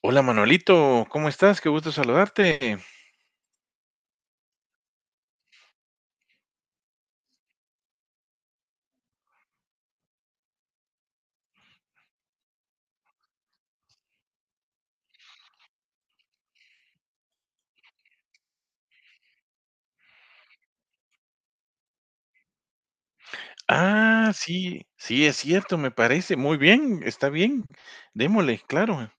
Hola Manolito, ¿cómo estás? Qué gusto saludarte. Ah, sí, sí, es cierto, me parece. Muy bien, está bien. Démosle, claro.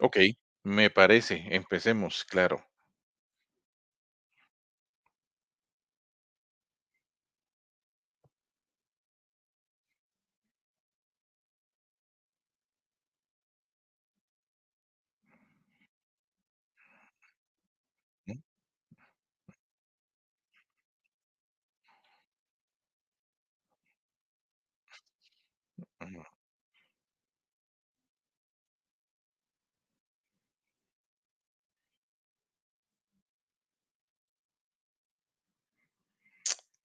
Ok, me parece. Empecemos, claro. Mm. Ujú.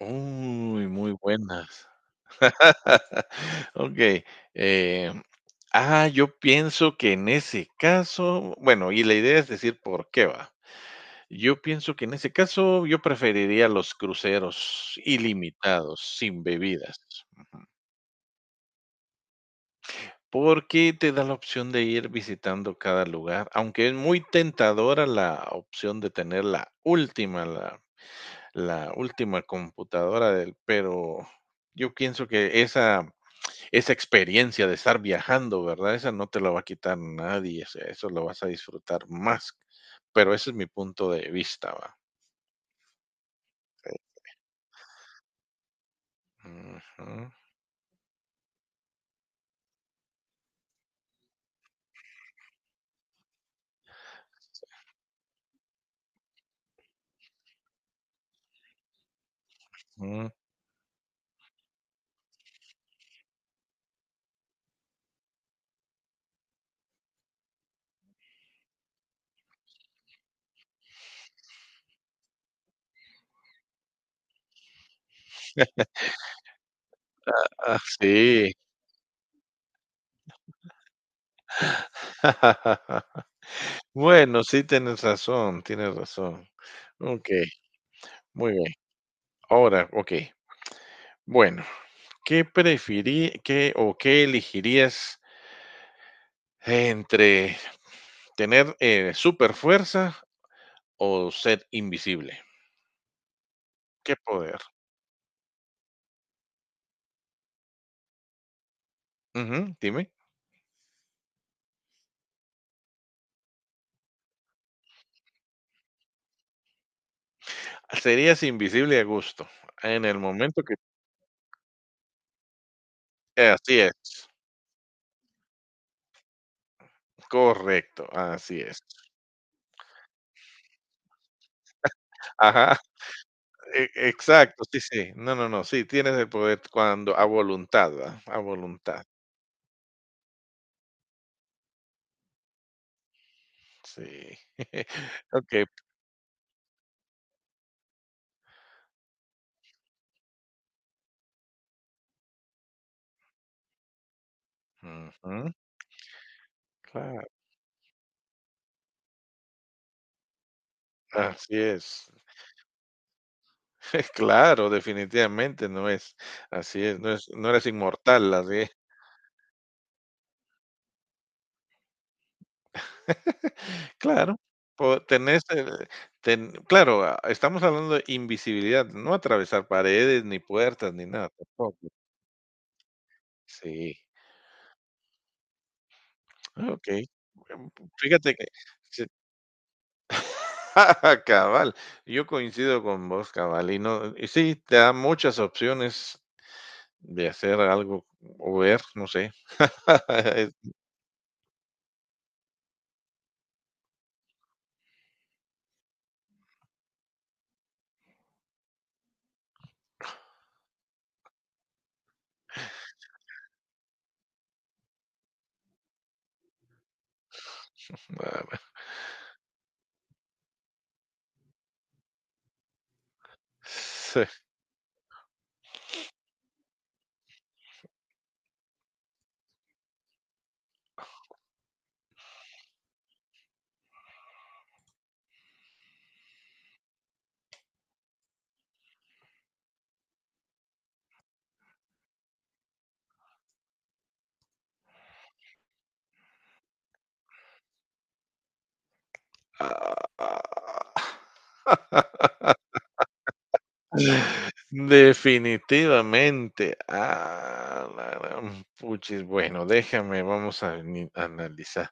Uy, muy buenas. Ok. eh, yo pienso que en ese caso, bueno, y la idea es decir por qué va. Yo pienso que en ese caso yo preferiría los cruceros ilimitados, sin bebidas. Porque te da la opción de ir visitando cada lugar, aunque es muy tentadora la opción de tener la última, la última computadora del pero yo pienso que esa experiencia de estar viajando, ¿verdad? Esa no te la va a quitar nadie, o sea, eso lo vas a disfrutar más, pero ese es mi punto de vista, ¿va? Ujú. Mm. Ah, sí. Bueno, sí tienes razón, tienes razón. Okey, muy bien. Ahora, ok. Bueno, ¿qué preferí, qué o qué elegirías entre tener super fuerza o ser invisible? ¿Qué poder? Ujú, dime. Serías invisible a gusto en el momento que así es, correcto, así es. Ajá, e exacto, sí, sí. No, no, no, sí, tienes el poder cuando a voluntad, ¿verdad? A voluntad, sí. Okey. Ujú, claro, así es. Claro, definitivamente no es así es no eres inmortal, así es. Claro, po tenés el ten claro, ah, estamos hablando de invisibilidad, no atravesar paredes, ni puertas, ni nada tampoco. Sí, okey. Em, Fíjate que sí. Cabal, yo coincido con vos, cabal, y no y sí, te da muchas opciones de hacer algo o ver, no sé. Es- ah, bueno. Sí. Ah, ah. Definitivamente. Ah, la gran puchis. Bueno, déjame, vamos a ni- analizar.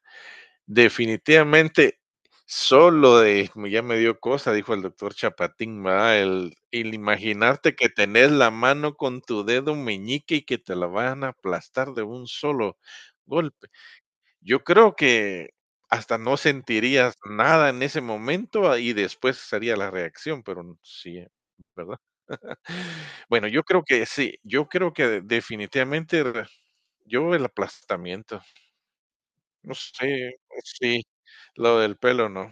Definitivamente, solo de, ya me dio cosa, dijo el doctor Chapatín, ¿verdad? El imaginarte que tenés la mano con tu dedo meñique y que te la van a aplastar de un solo golpe. Yo creo que hasta no sentirías nada en ese momento ah, y después sería la reacción, pero sí, ¿verdad? Bueno, yo creo que sí, yo creo que definitivamente re yo el aplastamiento, no sé, sí, lo del pelo no.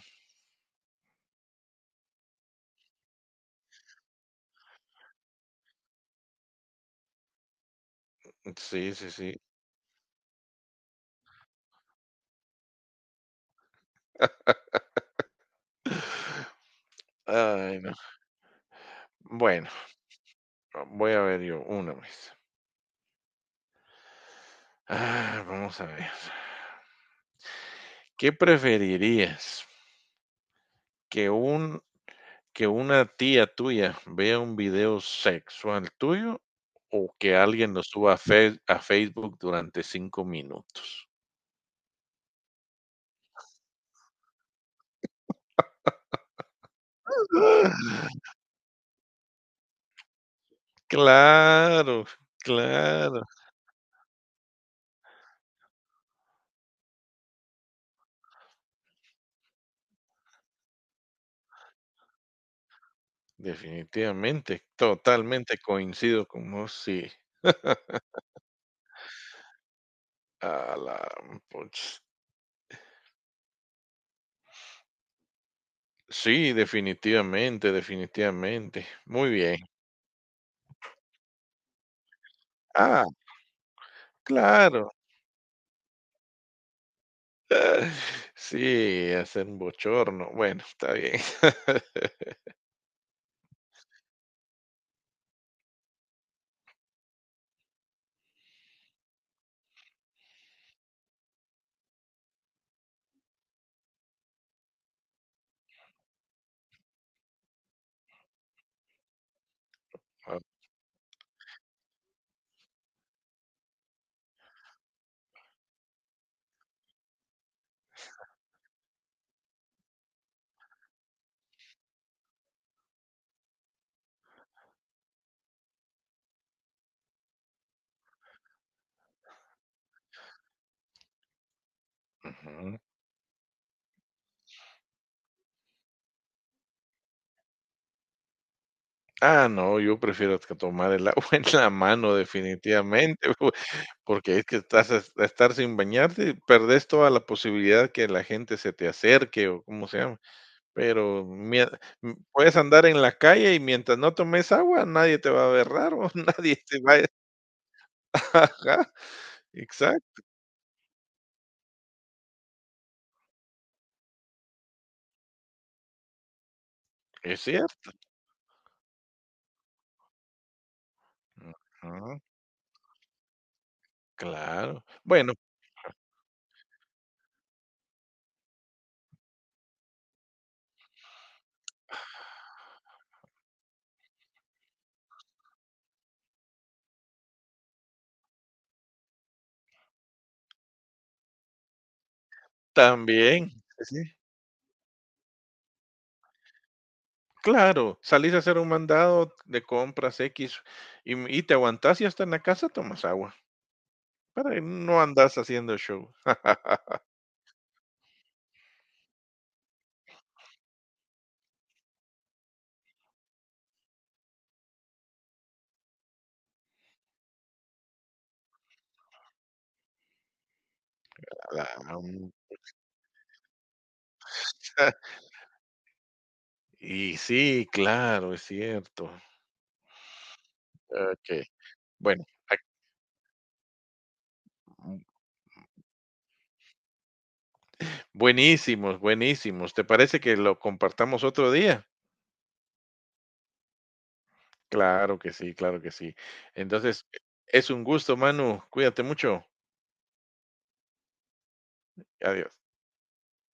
Sí, sí, sí. Ay, no. Bueno, voy a ver yo una vez. Ah, vamos a ver. ¿Qué preferirías? ¿Que un que una tía tuya vea un video sexual tuyo o que alguien lo suba a Face a Facebook durante 5 minutos? Claro, claro, definitivamente, totalmente coincido con vos, sí, a la poch sí, definitivamente, definitivamente, muy bien. Ah, claro. Sí, hacer un bochorno, bueno, está bien. Ah, ujú. Ah, no, yo prefiero t tomar el agua en la mano definitivamente. Porque es que estás a estar sin bañarte, perdés toda la posibilidad que la gente se te acerque o cómo se llama, pero mie mm, puedes andar en la calle y mientras no tomes agua, nadie te va a ver raro, nadie te va a ajá, exacto, es cierto. Ujú, claro. Bueno, también, sí, sí, claro, salís a hacer un mandado de compras X y m y te aguantás y hasta en la casa tomas agua, para que no andas haciendo show. Claro. Y sí, claro, es cierto. Okey. Bueno, ac mm, buenísimos, buenísimos. ¿Te parece que lo compartamos otro día? Claro que sí, claro que sí. Entonces, es un gusto, Manu. Cuídate mucho. Adiós.